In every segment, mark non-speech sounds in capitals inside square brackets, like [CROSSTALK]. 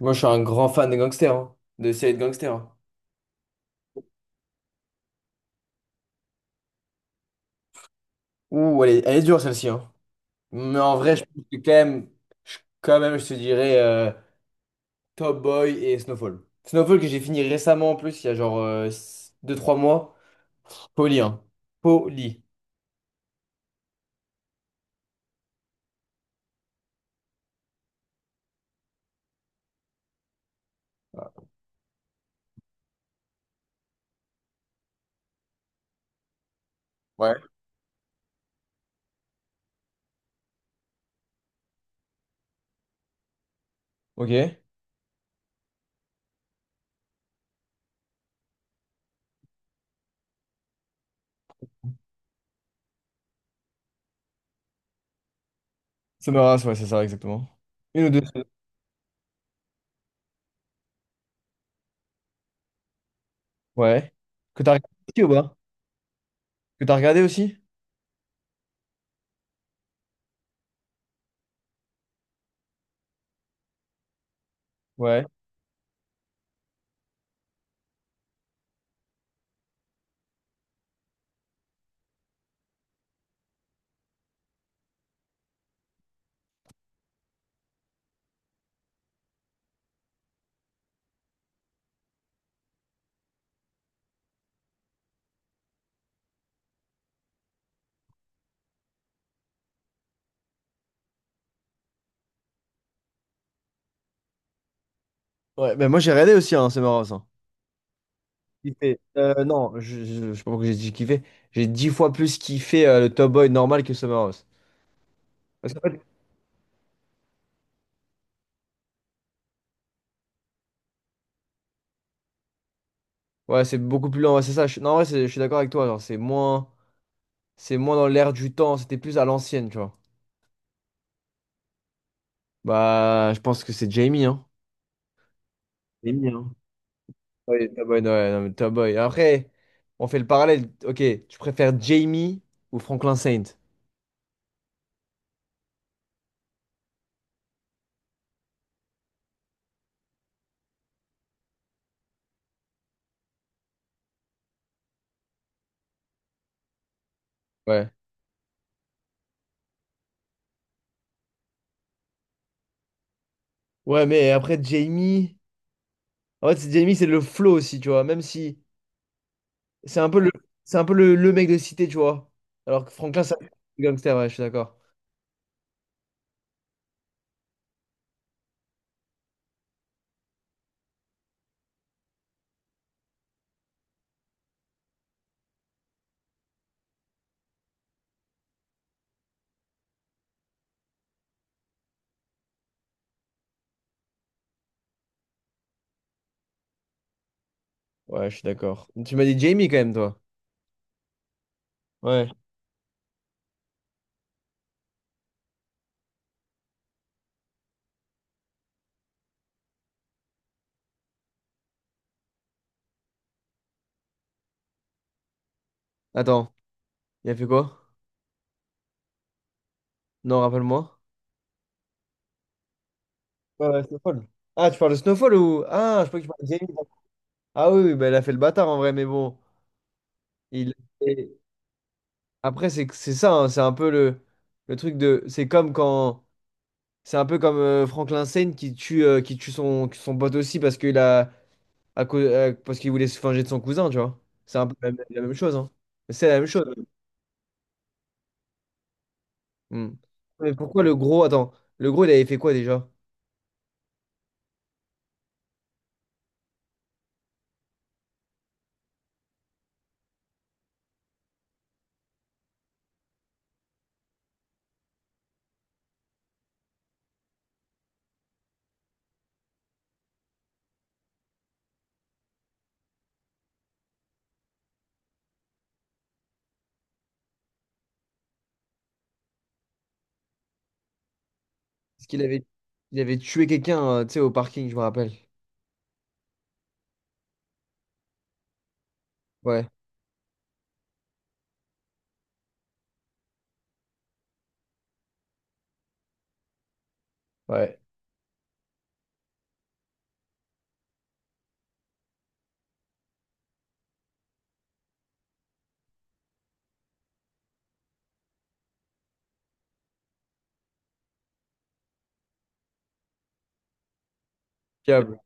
Moi, je suis un grand fan de gangsters, hein, de séries de gangsters, hein. Ouh, elle est dure celle-ci, hein. Mais en vrai, je pense que quand même, je te dirais Top Boy et Snowfall. Snowfall que j'ai fini récemment en plus, il y a genre deux trois mois. Poli, hein. Poli. Ok. Summer House, ouais, c'est ça, exactement. Une ou deux saisons. Ouais. Que t'as regardé aussi ou pas? Que t'as regardé aussi? Ouais. Ouais, ben moi j'ai regardé aussi, hein, Summer House, hein. Kiffé. Non, je sais pas pourquoi j'ai dit kiffé. J'ai dix fois plus kiffé le Top Boy normal que Summer House. Parce qu'en fait, ouais, c'est beaucoup plus lent. Ouais, c'est ça. Non, en vrai, je suis d'accord avec toi. Genre, c'est moins dans l'air du temps. C'était plus à l'ancienne, tu vois. Bah, je pense que c'est Jamie, hein. Jamie, hein. Ouais, Top Boy, ouais, non, mais Top Boy. Après, on fait le parallèle. Ok, tu préfères Jamie ou Franklin Saint? Ouais. Ouais, mais après Jamie. En fait, Jamie, c'est le flow aussi, tu vois. Même si c'est un peu le, c'est un peu le mec de cité, tu vois. Alors que Franklin, c'est un gangster, ouais, je suis d'accord. Ouais, je suis d'accord. Tu m'as dit Jamie quand même, toi. Ouais. Attends, il a fait quoi? Non, rappelle-moi. Ouais, ouais, Snowfall. Ah, tu parles de Snowfall ou. Ah, je crois que tu parles de Jamie. Ah oui, oui, bah, il a fait le bâtard en vrai, mais bon. Il... et après, c'est ça, hein, c'est un peu le truc de. C'est comme quand. C'est un peu comme Franklin Saint qui tue son, son pote aussi parce qu'il a. À cause, parce qu'il voulait se venger de son cousin, tu vois. C'est un peu la, la même chose, hein. C'est la même chose. Hmm. Mais pourquoi le gros... Attends, le gros, il avait fait quoi déjà? Parce qu'il avait, il avait tué quelqu'un, tu sais, au parking, je me rappelle. Ouais, ouais. Diable.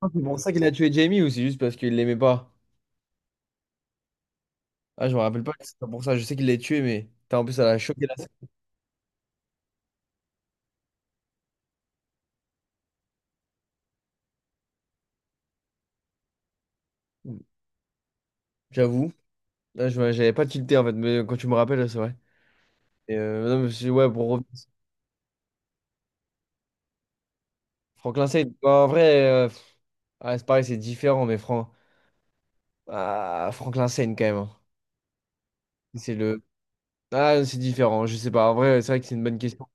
Ah, c'est pour ça qu'il a tué Jamie ou c'est juste parce qu'il l'aimait pas? Ah, je me rappelle pas que c'était pour ça. Je sais qu'il l'a tué, mais... Putain, en plus, ça l'a choqué, là. J'avoue. Là, j'avais pas tilté, en fait, mais quand tu me rappelles, c'est vrai. Et, non, mais ouais, pour revenir sur Franklin Saint, bah, en vrai, ouais, c'est pareil, c'est différent, mais Fran... ah, Franklin Saint, quand même, hein. C'est le... Ah, c'est différent, je sais pas. En vrai, c'est vrai que c'est une bonne question.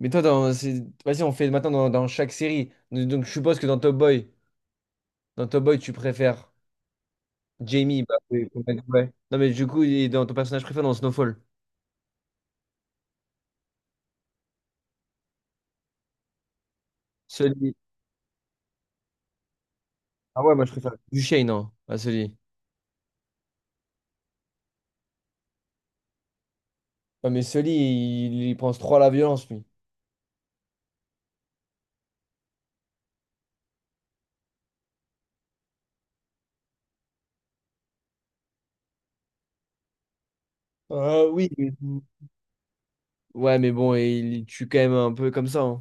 Mais toi, dans... vas-y, on fait maintenant dans, dans chaque série. Donc, je suppose que dans Top Boy, tu préfères Jamie. Bah, oui, complètement, ouais. Non, mais du coup, il est dans ton personnage préféré dans Snowfall. Sully. Ah ouais, moi, je préfère Duchesne, non, à Sully. Non, mais Sully, il pense trop à la violence, lui. Ah oui. Ouais, mais bon, et il tue quand même un peu comme ça, hein.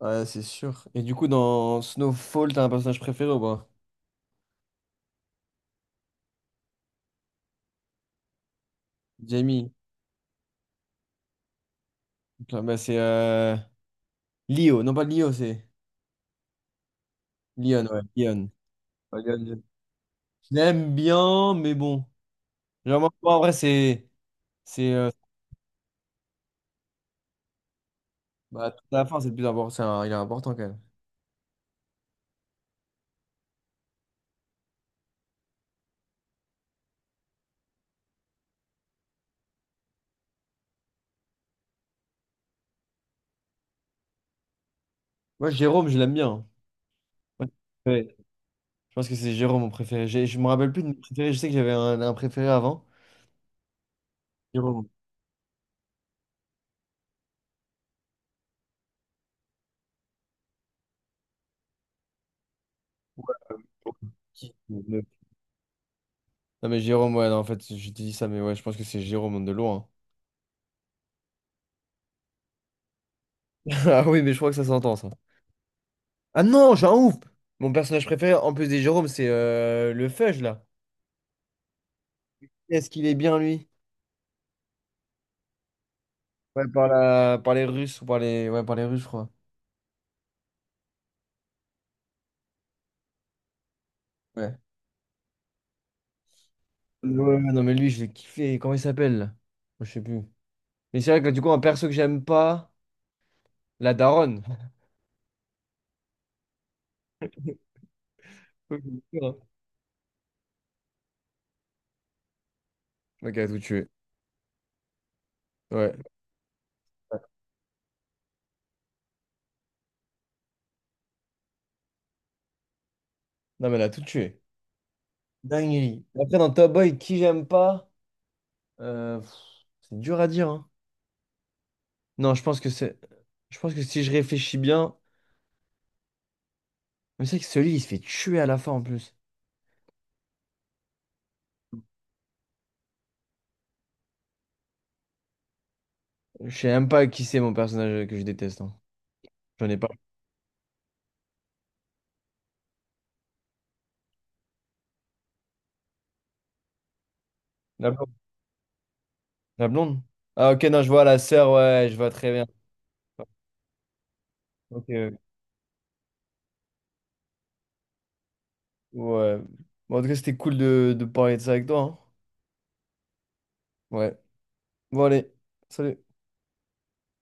Ouais, c'est sûr. Et du coup, dans Snowfall, t'as un personnage préféré ou pas? Jamie. Donc, bah, c'est Leo. Non, pas Leo, c'est Leon. Ouais, Leon. Ouais, Lyon, Lyon. Je l'aime bien, mais bon. Vraiment, en vrai, c'est. C'est. Bah, tout à la fin, c'est le plus important. Il est important quand même. Moi, Jérôme, je l'aime bien. Ouais. Ouais. Je pense que c'est Jérôme mon préféré. Je me rappelle plus de mes préférés. Je sais que j'avais un préféré avant. Jérôme. Qui- Non mais Jérôme, ouais, non, en fait, je te dis ça, mais ouais, je pense que c'est Jérôme de loin. [LAUGHS] Ah oui, mais je crois que ça s'entend, ça. Ah non, j'ai un ouf! Mon personnage préféré, en plus des Jérômes, c'est le Fudge, là. Est-ce qu'il est bien, lui? Ouais, par la... par les Russes ou par les... Ouais, par les Russes, je crois. Ouais. Ouais, ouais, non, mais lui, je l'ai kiffé. Comment il s'appelle, là? Je sais plus. Mais c'est vrai que du coup, un perso que j'aime pas, la daronne. [LAUGHS] Ok, elle a tout tué. Ouais. Non, mais elle a tout tué. Dinguerie. Après, dans Top Boy, qui j'aime pas? Euh, pff, c'est dur à dire, hein. Non, je pense que c'est. Je pense que si je réfléchis bien. Mais c'est vrai que celui, il se fait tuer à la fin en plus. Je sais même pas qui c'est mon personnage que je déteste, hein. J'en ai pas. La blonde. La blonde? Ah, ok, non, je vois la sœur, ouais, je vois très bien. Ok, ouais. Ouais. Bon, en tout cas, c'était cool de parler de ça avec toi, hein. Ouais. Bon, allez. Salut.